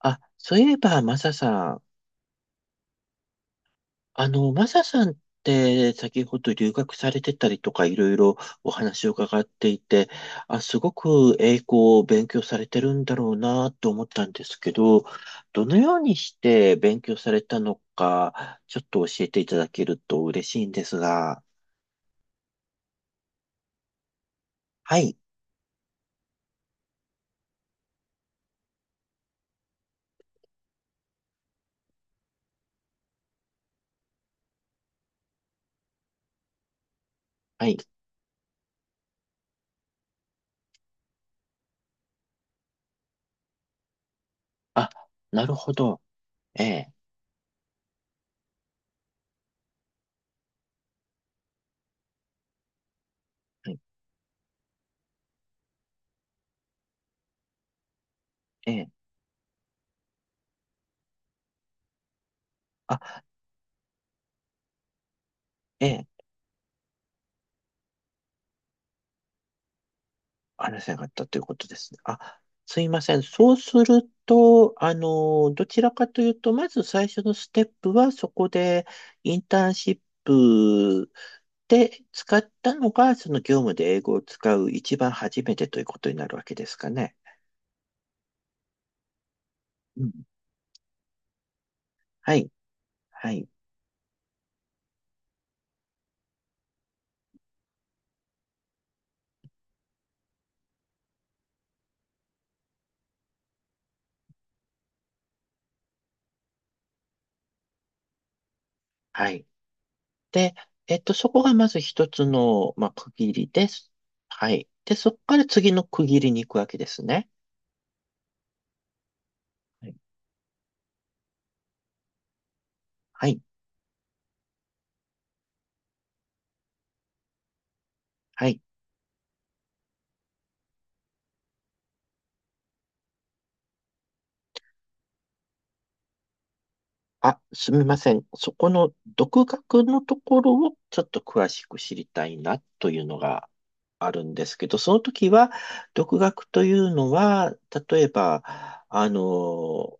あ、そういえば、マサさん。マサさんって先ほど留学されてたりとかいろいろお話を伺っていて、あ、すごく英語を勉強されてるんだろうなと思ったんですけど、どのようにして勉強されたのか、ちょっと教えていただけると嬉しいんですが。はい、はい。あ、なるほど。ええ、はい、ええ、あ、ええ。話せなかったということですね。あ、すいません。そうすると、どちらかというと、まず最初のステップは、そこでインターンシップで使ったのが、その業務で英語を使う一番初めてということになるわけですかね。うん。はい。はい。はい。で、そこがまず一つの、まあ、区切りです。はい。で、そこから次の区切りに行くわけですね。はい。はい。はい。あ、すみません。そこの独学のところをちょっと詳しく知りたいなというのがあるんですけど、その時は、独学というのは、例えば、あの、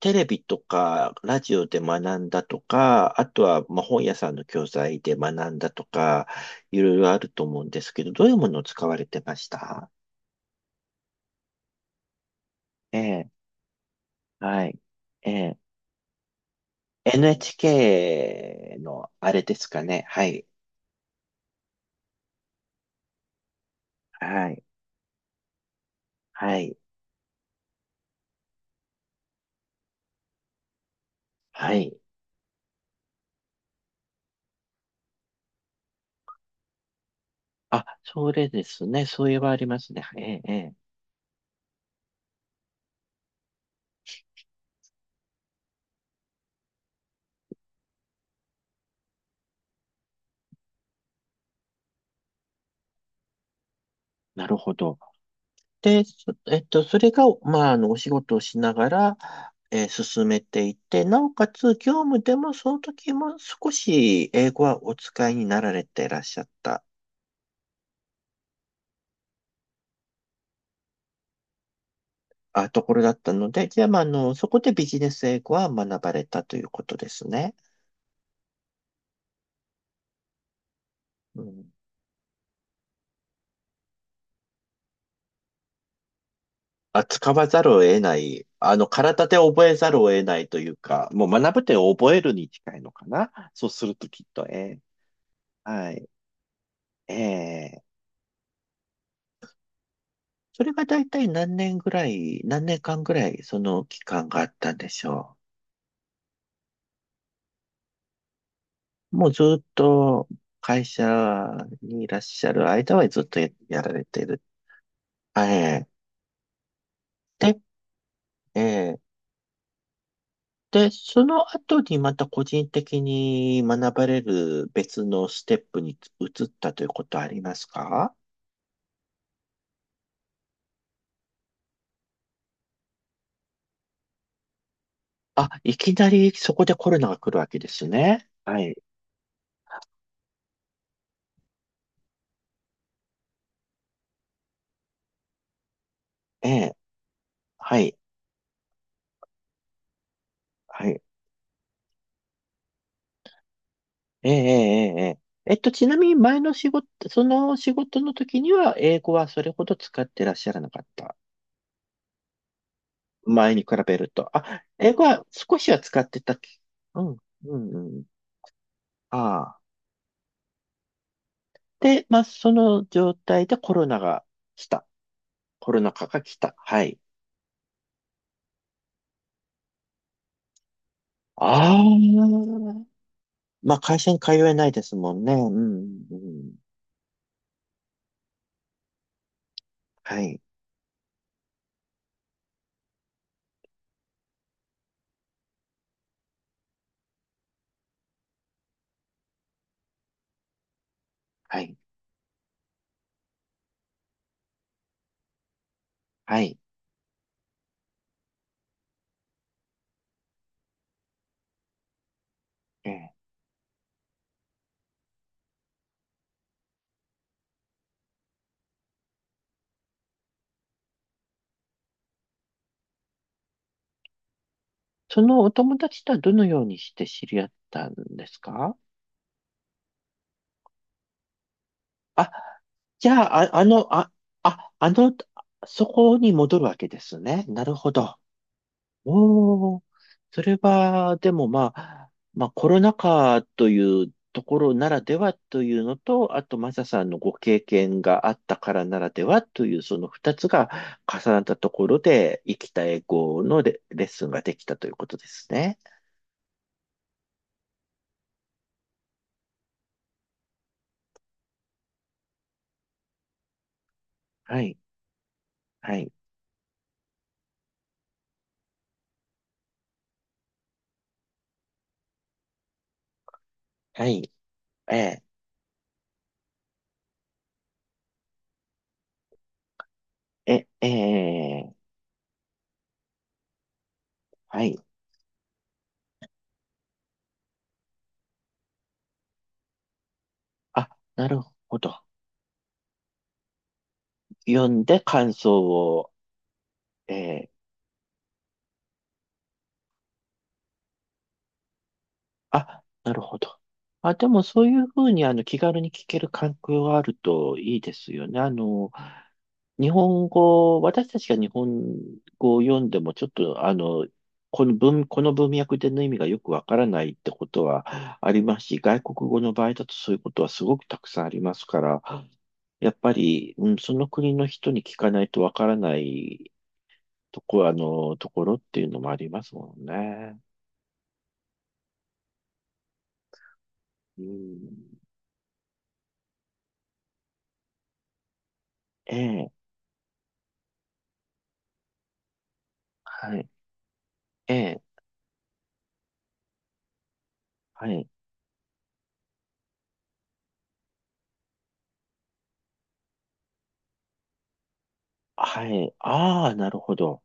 テレビとかラジオで学んだとか、あとはまあ本屋さんの教材で学んだとか、いろいろあると思うんですけど、どういうものを使われてました？ええ、はい。ええ、NHK のあれですかね。はい。はい。はい。はい。あ、それですね。そういえばありますね。ええ、ええ。なるほど。で、そえっと、それが、まあ、お仕事をしながら、進めていて、なおかつ、業務でも、その時も少し英語はお使いになられていらっしゃった、あ、ところだったので、じゃあ、まあ、そこでビジネス英語は学ばれたということですね。うん。あ、使わざるを得ない、体で覚えざるを得ないというか、もう学ぶって覚えるに近いのかな。そうするときっと、ええ、はい。ええ。それが大体何年ぐらい、何年間ぐらいその期間があったんでしょう。もうずっと会社にいらっしゃる間はずっとやられてる。ええ。で、ええ。で、その後にまた個人的に学ばれる別のステップに移ったということはありますか？あ、いきなりそこでコロナが来るわけですね。はい。ええ。はい。はい。ええ、ええ、ええ。ちなみに前の仕事、その仕事の時には、英語はそれほど使ってらっしゃらなかった。前に比べると。あ、英語は少しは使ってたけ。うん、うん、うん。ああ。で、まあ、その状態でコロナが来た。コロナ禍が来た。はい。ああ。まあ、会社に通えないですもんね。うん、うん、うん。はい、はい、はい。ええ。そのお友達とはどのようにして知り合ったんですか？あ、じゃあ、あ、あ、あ、そこに戻るわけですね。なるほど。おー、それは、でもまあ、まあコロナ禍というところならではというのと、あとマサさんのご経験があったからならではという、その二つが重なったところで、生きた英語のレッスンができたということですね。はい、はい、はい、えー、え、えー、はい。あ、なるほど。読んで感想を、えーあ、なるほど。あ、でもそういうふうに気軽に聞ける環境があるといいですよね。日本語、私たちが日本語を読んでもちょっとこの文脈での意味がよくわからないってことはありますし、外国語の場合だとそういうことはすごくたくさんありますから、やっぱり、うん、その国の人に聞かないとわからないところっていうのもありますもんね。うん、ええ、はい、ええ、はい、はい、ああ、なるほど。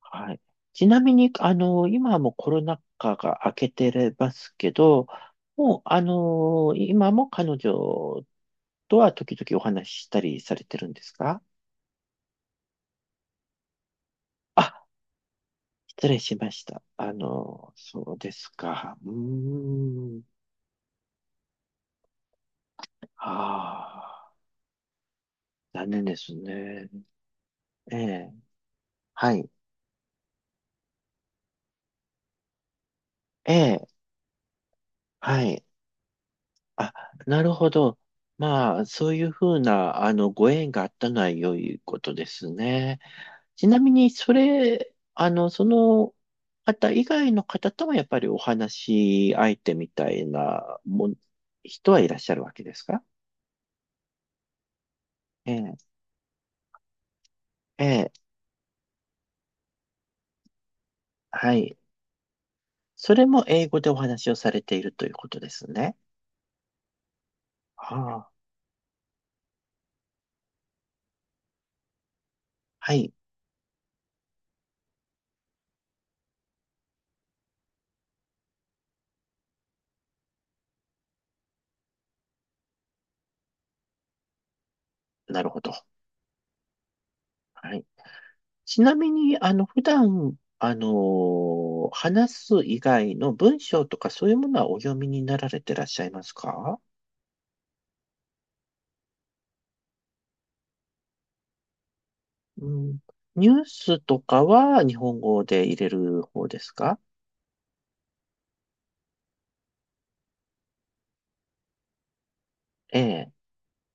はい。ちなみに、今はもうコロナ禍が明けてますけど、もう、今も彼女とは時々お話ししたりされてるんですか？あ、失礼しました。そうですか。うーん。ああ、残念ですね。ええ、はい、ええ、はい。あ、なるほど。まあ、そういうふうな、ご縁があったのは良いことですね。ちなみに、それ、その方以外の方ともやっぱりお話し相手みたいな人はいらっしゃるわけですか？ええ、ええ、はい。それも英語でお話をされているということですね。ああ、はい。なるほど。はい。ちなみに、普段、話す以外の文章とかそういうものはお読みになられてらっしゃいますか？うん。ニュースとかは日本語で入れる方ですか？ええ。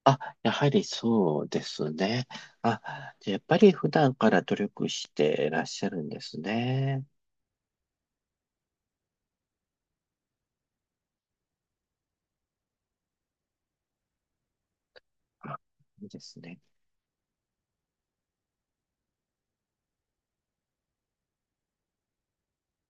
あ、やはりそうですね。あ、じゃあやっぱり普段から努力してらっしゃるんですね。あ、いいですね。